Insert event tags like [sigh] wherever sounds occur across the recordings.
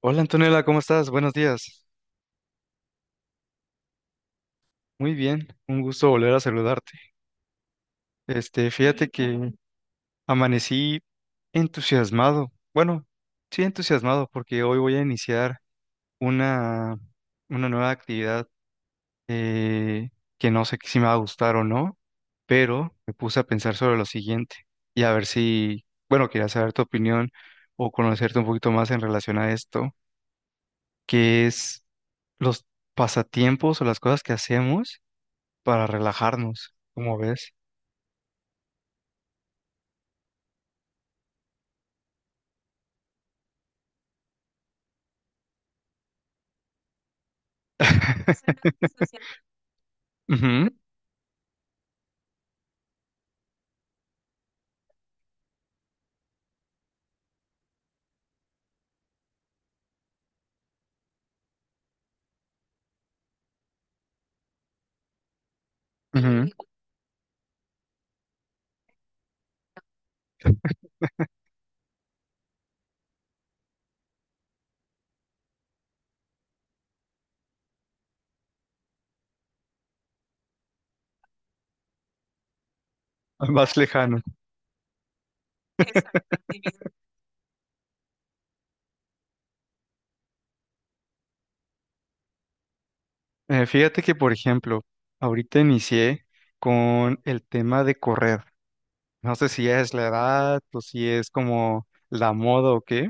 Hola Antonella, ¿cómo estás? Buenos días. Muy bien, un gusto volver a saludarte. Este, fíjate que amanecí entusiasmado. Bueno, sí entusiasmado porque hoy voy a iniciar una, una nueva actividad, eh, que no sé si me va a gustar o no, pero me puse a pensar sobre lo siguiente y a ver si, bueno, quería saber tu opinión o conocerte un poquito más en relación a esto, que es los pasatiempos o las cosas que hacemos para relajarnos, como ves. [laughs] Ujú, ujú. Más lejano. Fíjate que, por ejemplo, ahorita inicié con el tema de correr. No sé si es la edad o si es como la moda o qué,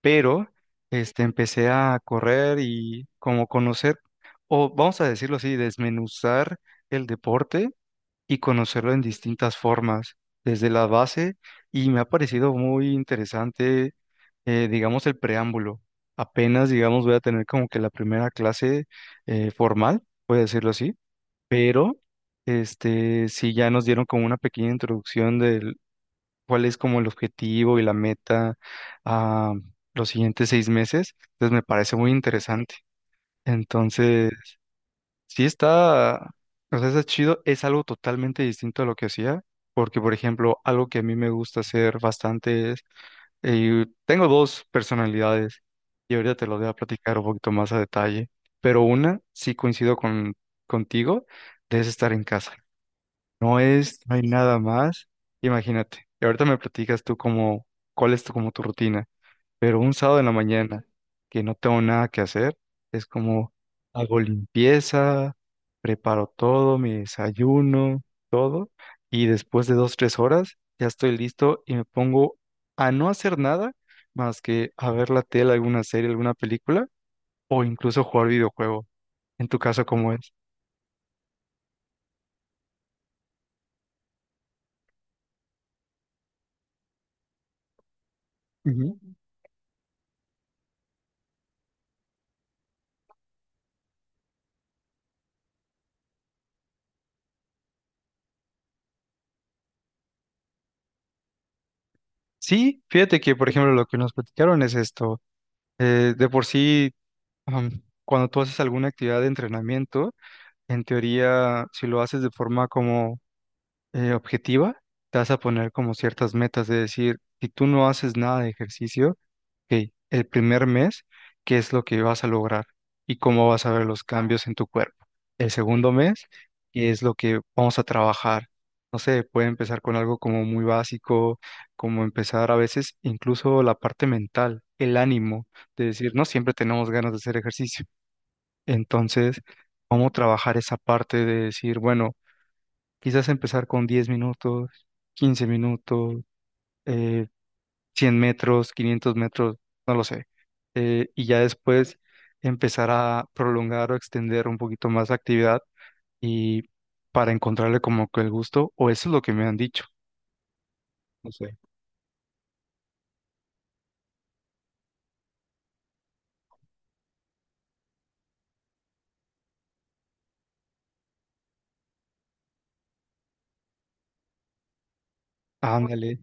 pero este, empecé a correr y como conocer, o vamos a decirlo así, desmenuzar el deporte y conocerlo en distintas formas, desde la base, y me ha parecido muy interesante, digamos, el preámbulo. Apenas, digamos, voy a tener como que la primera clase formal, puede decirlo así, pero este, sí ya nos dieron como una pequeña introducción de cuál es como el objetivo y la meta a los siguientes 6 meses, entonces me parece muy interesante. Entonces, sí está, o sea, está chido, es algo totalmente distinto a lo que hacía, porque por ejemplo, algo que a mí me gusta hacer bastante es, tengo dos personalidades y ahorita te lo voy a platicar un poquito más a detalle, pero una sí coincido contigo, es estar en casa. No es, no hay nada más, imagínate. Y ahorita me platicas tú como, cuál es tu, como tu rutina. Pero un sábado en la mañana que no tengo nada que hacer, es como hago limpieza, preparo todo, mi desayuno, todo, y después de dos, tres horas ya estoy listo y me pongo a no hacer nada más que a ver la tele, alguna serie, alguna película o incluso jugar videojuego. En tu caso, ¿cómo es? Ujú. Sí, fíjate que, por ejemplo, lo que nos platicaron es esto. De por sí, cuando tú haces alguna actividad de entrenamiento, en teoría, si lo haces de forma como objetiva, te vas a poner como ciertas metas de decir, si tú no haces nada de ejercicio, ok, el primer mes, ¿qué es lo que vas a lograr? Y cómo vas a ver los cambios en tu cuerpo. El segundo mes, ¿qué es lo que vamos a trabajar? No sé, puede empezar con algo como muy básico, como empezar a veces incluso la parte mental, el ánimo, de decir, no siempre tenemos ganas de hacer ejercicio, entonces, ¿cómo trabajar esa parte de decir, bueno, quizás empezar con 10 minutos, 15 minutos, eh, 100 metros, 500 metros, no lo sé, y ya después empezar a prolongar o extender un poquito más la actividad y para encontrarle como que el gusto, o eso es lo que me han dicho, no sé. Ándale.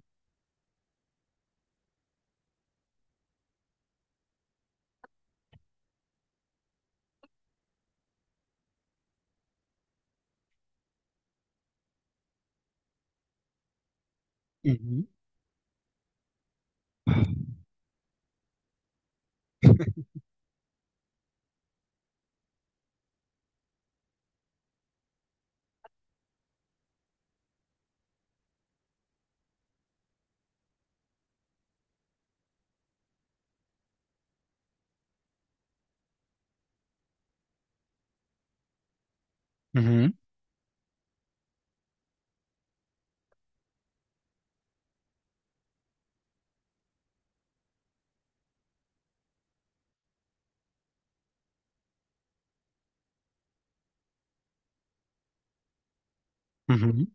Ujú. Ujú, ujú.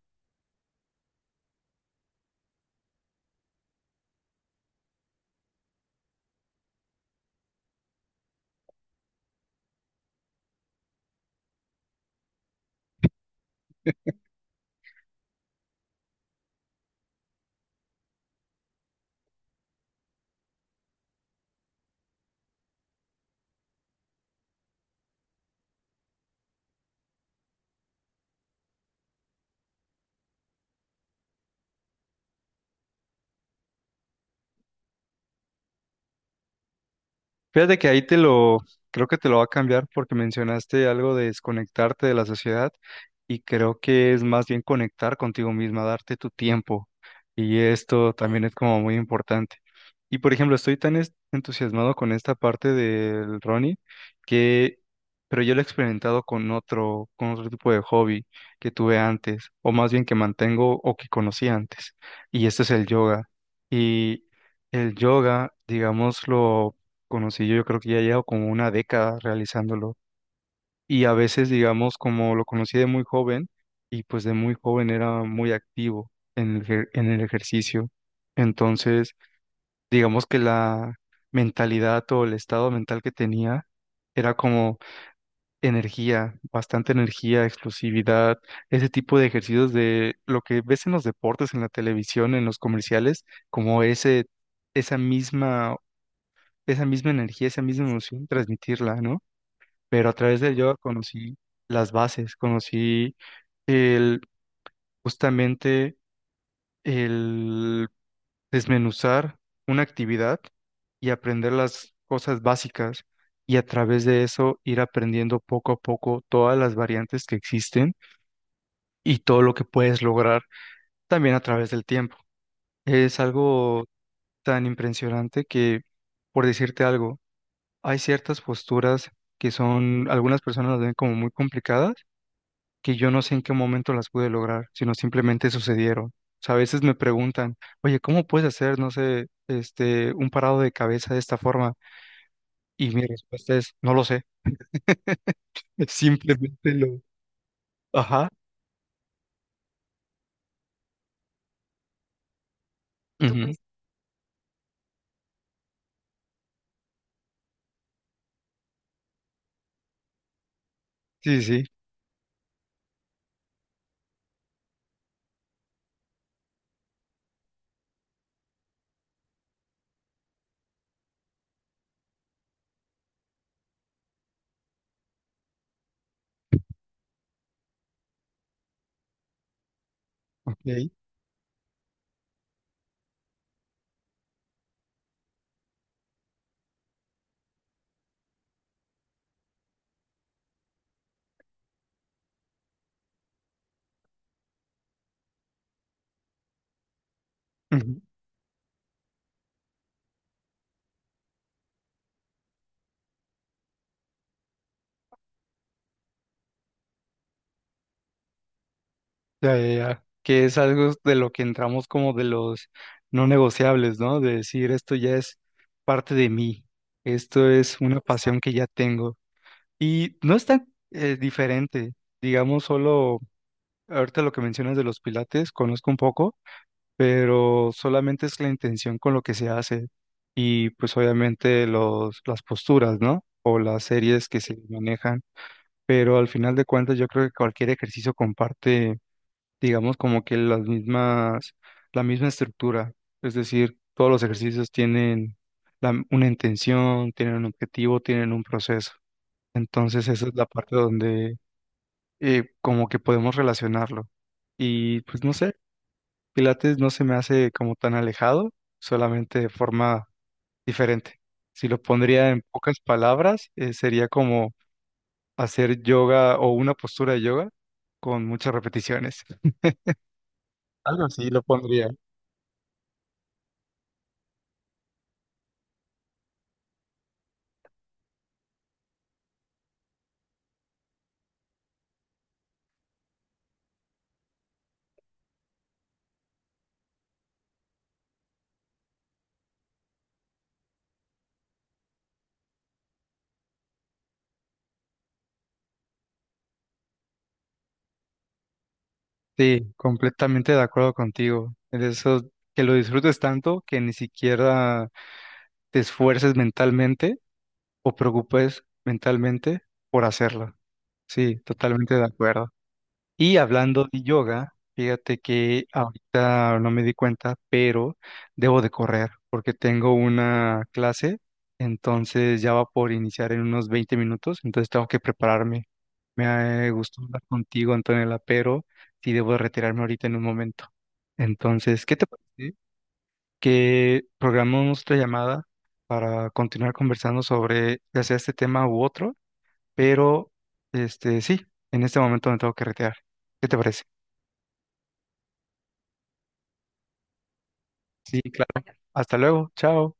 Fíjate que ahí te lo, creo que te lo va a cambiar porque mencionaste algo de desconectarte de la sociedad y creo que es más bien conectar contigo misma, darte tu tiempo, y esto también es como muy importante. Y por ejemplo, estoy tan entusiasmado con esta parte del Ronnie que, pero yo lo he experimentado con otro tipo de hobby que tuve antes o más bien que mantengo o que conocí antes, y este es el yoga. Y el yoga, digámoslo, conocí yo creo que ya llevo como una década realizándolo. Y a veces, digamos, como lo conocí de muy joven, y pues de muy joven era muy activo en el, en el ejercicio. Entonces, digamos que la mentalidad o el estado mental que tenía era como energía, bastante energía, explosividad, ese tipo de ejercicios de lo que ves en los deportes, en la televisión, en los comerciales, como ese, esa misma, esa misma energía, esa misma emoción, transmitirla, ¿no? Pero a través del yoga conocí las bases, conocí el, justamente el desmenuzar una actividad y aprender las cosas básicas, y a través de eso ir aprendiendo poco a poco todas las variantes que existen y todo lo que puedes lograr también a través del tiempo. Es algo tan impresionante que, por decirte algo, hay ciertas posturas que son, algunas personas las ven como muy complicadas, que yo no sé en qué momento las pude lograr, sino simplemente sucedieron. O sea, a veces me preguntan, oye, ¿cómo puedes hacer, no sé, este, un parado de cabeza de esta forma? Y mi respuesta es, no lo sé, [laughs] simplemente lo... Ajá. Ujú. Sí, sí, ok. Ujú. Ya, ya, ya. Que es algo de lo que entramos como de los no negociables, ¿no? De decir, esto ya es parte de mí, esto es una pasión que ya tengo. Y no es tan diferente, digamos, solo ahorita lo que mencionas de los pilates, conozco un poco, pero solamente es la intención con lo que se hace y pues obviamente los, las posturas, ¿no? O las series que se manejan, pero al final de cuentas yo creo que cualquier ejercicio comparte, digamos, como que las mismas, la misma estructura, es decir, todos los ejercicios tienen una intención, tienen un objetivo, tienen un proceso. Entonces esa es la parte donde como que podemos relacionarlo. Y pues no sé, pilates no se me hace como tan alejado, solamente de forma diferente. Si lo pondría en pocas palabras, sería como hacer yoga o una postura de yoga con muchas repeticiones. Algo así lo pondría. Sí, completamente de acuerdo contigo. En eso, que lo disfrutes tanto que ni siquiera te esfuerces mentalmente o preocupes mentalmente por hacerlo. Sí, totalmente de acuerdo. Y hablando de yoga, fíjate que ahorita no me di cuenta, pero debo de correr porque tengo una clase, entonces ya va por iniciar en unos 20 minutos, entonces tengo que prepararme. Me gustó hablar contigo, Antonella, pero sí debo de retirarme ahorita en un momento. Entonces, ¿qué te parece que programamos nuestra llamada para continuar conversando sobre ya sea este tema u otro? Pero, este, sí, en este momento me tengo que retirar. ¿Qué te parece? Sí, claro. Hasta luego. Chao.